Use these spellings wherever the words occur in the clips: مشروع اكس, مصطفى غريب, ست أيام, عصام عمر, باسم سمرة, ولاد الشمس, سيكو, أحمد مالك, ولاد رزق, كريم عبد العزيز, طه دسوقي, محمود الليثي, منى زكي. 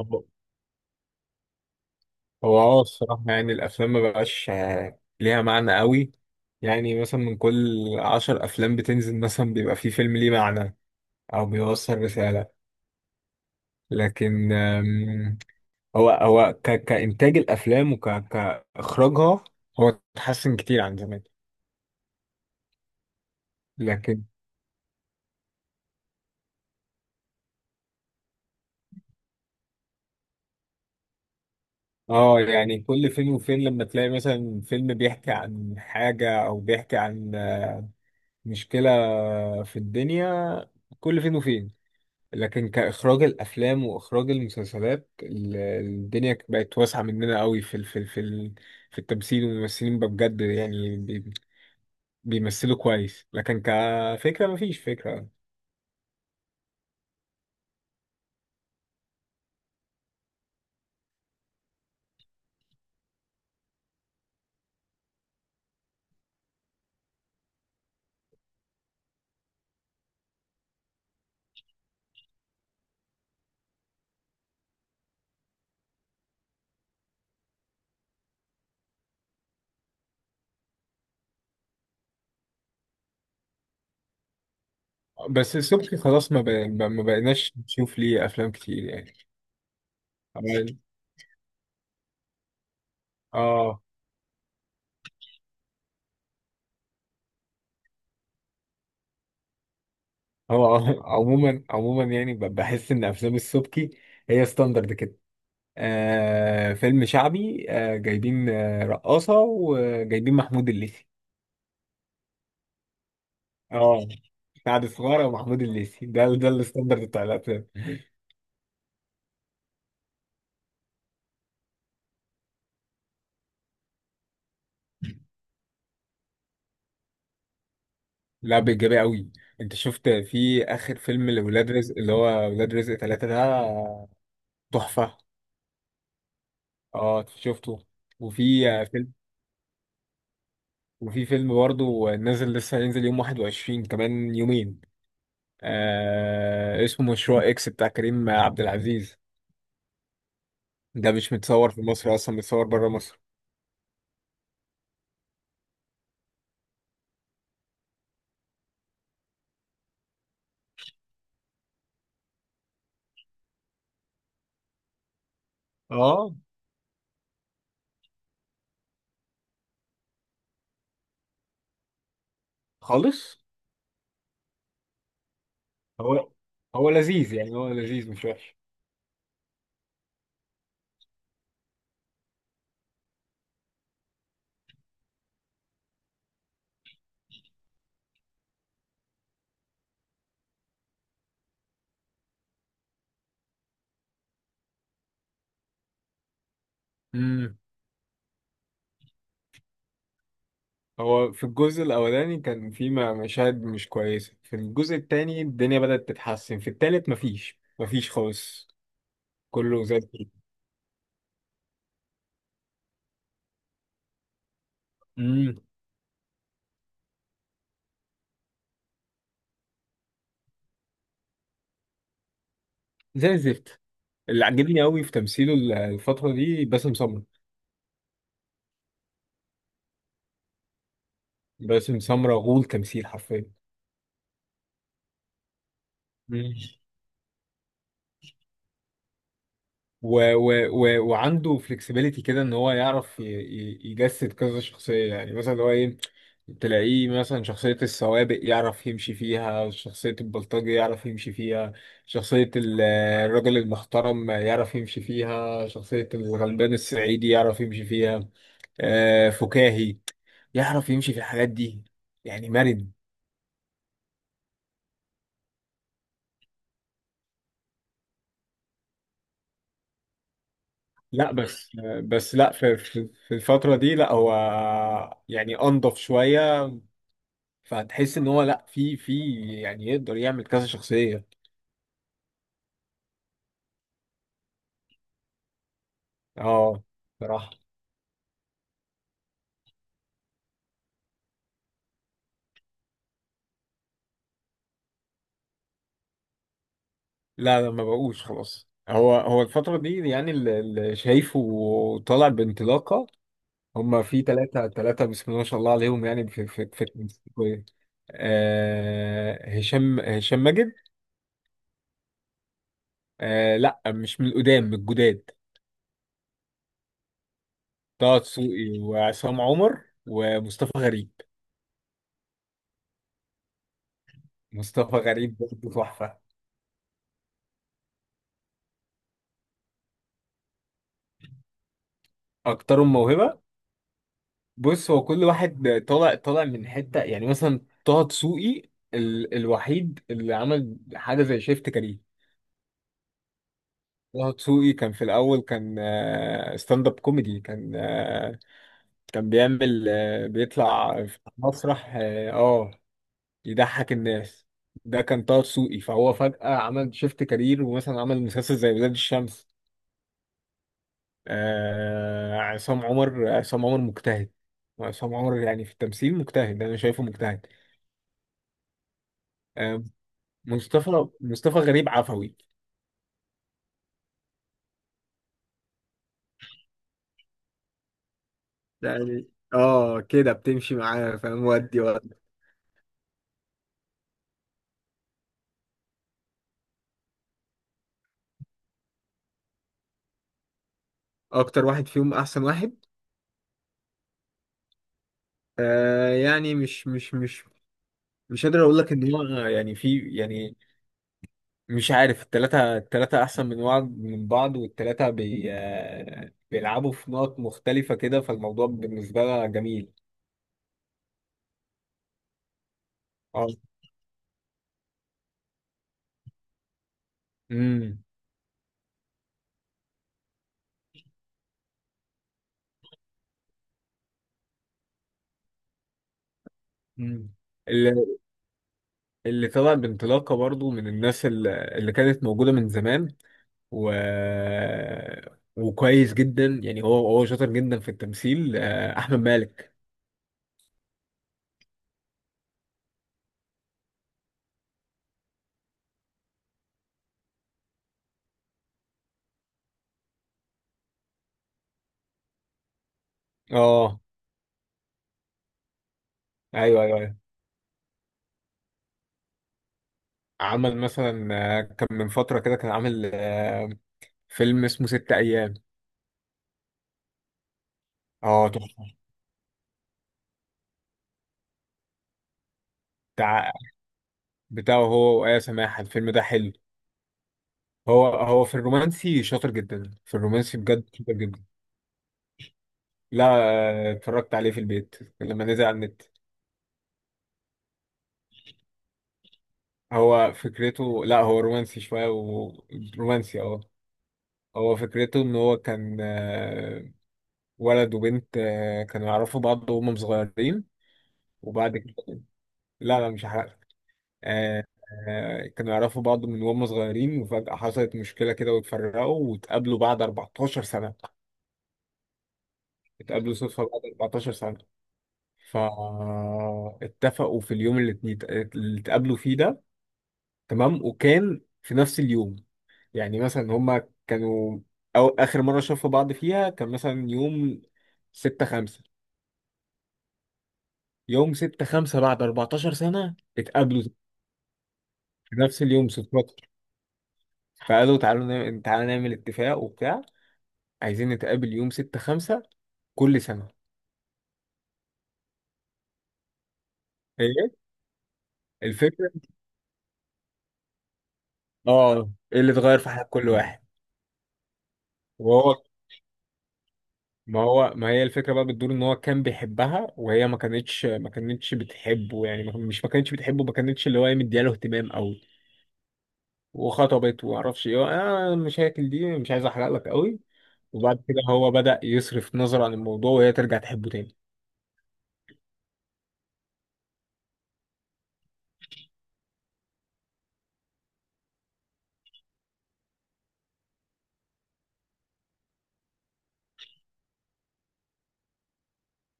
هو هو الصراحة يعني الأفلام ما بقاش ليها معنى قوي. يعني مثلا من كل عشر أفلام بتنزل مثلا بيبقى فيه فيلم ليه معنى أو بيوصل رسالة، لكن كإنتاج الأفلام وك... كإخراجها، هو اتحسن كتير عن زمان. لكن اه يعني كل فين وفين لما تلاقي مثلا فيلم بيحكي عن حاجة أو بيحكي عن مشكلة في الدنيا، كل فين وفين. لكن كإخراج الأفلام وإخراج المسلسلات، الدنيا بقت واسعة مننا قوي في التمثيل والممثلين بقى بجد، بيمثلوا كويس، لكن كفكرة مفيش فكرة. بس صبحي خلاص ما بقيناش نشوف ليه افلام كتير يعني. عمال- اه. هو عموما عموما، يعني بحس ان افلام السبكي هي ستاندرد كده. آه فيلم شعبي، آه جايبين آه رقاصة وجايبين محمود الليثي. اه سعد صغيرة ومحمود الليثي، ده الستاندرد بتاع الافلام. لا، بإيجابية قوي. انت شفت في اخر فيلم لولاد رزق، اللي هو ولاد رزق ثلاثة، ده تحفة. اه شفته. وفي فيلم وفي فيلم برضه نازل، لسه هينزل يوم 21، كمان يومين. آه اسمه مشروع اكس بتاع كريم عبد العزيز. ده مش متصور في مصر اصلا، متصور بره مصر. اه خالص. هو هو لذيذ، يعني هو لذيذ مش وحش. امم، هو في الجزء الاولاني كان في مشاهد مش كويسه، في الجزء التاني الدنيا بدأت تتحسن، في التالت مفيش خالص، كله زي الزفت. امم، زي الزفت. اللي عجبني قوي في تمثيله الفتره دي باسم سمرة. باسم سمرة غول تمثيل حرفيا. مم. و و و وعنده فلكسبيليتي كده ان هو يعرف يجسد كذا شخصية. يعني مثلا اللي هو ايه، تلاقيه مثلا شخصية السوابق يعرف يمشي فيها، شخصية البلطجي يعرف يمشي فيها، شخصية الراجل المحترم يعرف يمشي فيها، شخصية الغلبان الصعيدي يعرف يمشي فيها، فكاهي يعرف يمشي في الحاجات دي، يعني مرن. لا بس، بس لا، في الفترة دي لا، هو يعني أنضف شوية. فهتحس إن هو لا في، يعني يقدر يعمل كذا شخصية. اه، بصراحة. لا لا، ما بقوش خلاص. هو الفترة دي يعني اللي شايفه طالع بانطلاقة، هما في ثلاثة بسم الله ما شاء الله عليهم. يعني في- آه هشام ماجد. آه لا، مش من القدام، من الجداد. طه دسوقي وعصام عمر ومصطفى غريب. مصطفى غريب برضه تحفة. أكترهم موهبة؟ بص، هو كل واحد طالع من حتة. يعني مثلا طه دسوقي الوحيد اللي عمل حاجة زي شيفت كارير. طه دسوقي كان في الأول كان ستاند اب كوميدي، كان كان بيعمل بيطلع في مسرح يضحك الناس. ده كان طه دسوقي، فهو فجأة عمل شيفت كارير، ومثلا عمل مسلسل زي ولاد الشمس. آه عصام عمر، عصام عمر مجتهد. عصام عمر يعني في التمثيل مجتهد، انا شايفه مجتهد. آه مصطفى غريب عفوي، يعني اه كده بتمشي معاه فاهم، ودي. اكتر واحد فيهم احسن واحد؟ آه يعني مش قادر اقول لك ان هو يعني في يعني، مش عارف. التلاتة أحسن من بعض، والتلاتة بي آه، بيلعبوا في نقط مختلفة كده، فالموضوع بالنسبة لها جميل. اه، امم. اللي طلع بانطلاقة برضو من الناس اللي كانت موجودة من زمان و... وكويس جدا، يعني هو شاطر جدا في التمثيل، آه أحمد مالك. اه ايوه ايوه ايوه. عمل مثلا كان من فترة كده كان عامل فيلم اسمه ست أيام. اه تحفة. بتاع بتاعه هو وآية سماحة، الفيلم ده حلو. هو في الرومانسي شاطر جدا، في الرومانسي بجد شاطر جدا. لا، آه اتفرجت عليه في البيت لما نزل على النت. هو فكرته لا، هو رومانسي شوية ورومانسي اه. هو فكرته ان هو كان ولد وبنت كانوا يعرفوا بعض وهم صغيرين، وبعد كده، لا لا مش هحرق. آه، كانوا يعرفوا بعض من وهم صغيرين، وفجأة حصلت مشكلة كده واتفرقوا، واتقابلوا بعد 14 سنة. اتقابلوا صدفة بعد 14 سنة، فاتفقوا في اليوم اللي اتقابلوا فيه ده. تمام، وكان في نفس اليوم يعني، مثلا هما كانوا أو آخر مرة شافوا بعض فيها كان مثلا يوم ستة خمسة. يوم ستة خمسة بعد 14 سنة اتقابلوا في نفس اليوم صدفة. فقالوا تعالوا نعمل تعالوا نعمل اتفاق وبتاع، عايزين نتقابل يوم ستة خمسة كل سنة. ايه الفكرة؟ اه ايه اللي اتغير في حياة كل واحد. وهو ما هي الفكرة بقى بتدور، ان هو كان بيحبها وهي ما كانتش بتحبه، يعني ما- كان- مش ما كانتش بتحبه، ما كانتش اللي هو إيه مدياله اهتمام او، وخطبت ومعرفش ايه، انا المشاكل دي مش عايز احرق لك قوي. وبعد كده هو بدأ يصرف نظر عن الموضوع، وهي ترجع تحبه تاني.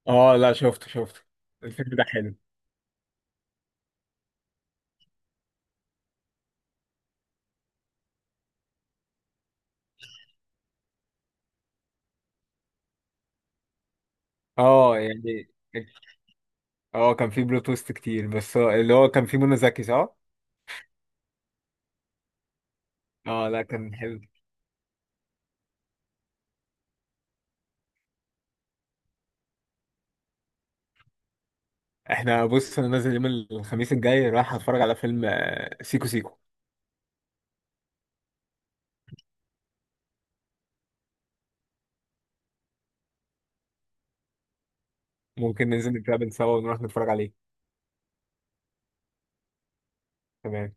اه لا، شفته، الفيلم ده حلو. اه يعني اه كان فيه بلوت تويست كتير، بس اللي هو كان فيه منى زكي صح؟ اه لا كان حلو. احنا بص انا نازل يوم الخميس الجاي، رايح اتفرج على فيلم سيكو سيكو. ممكن ننزل نتقابل سوا ونروح نتفرج عليه. تمام.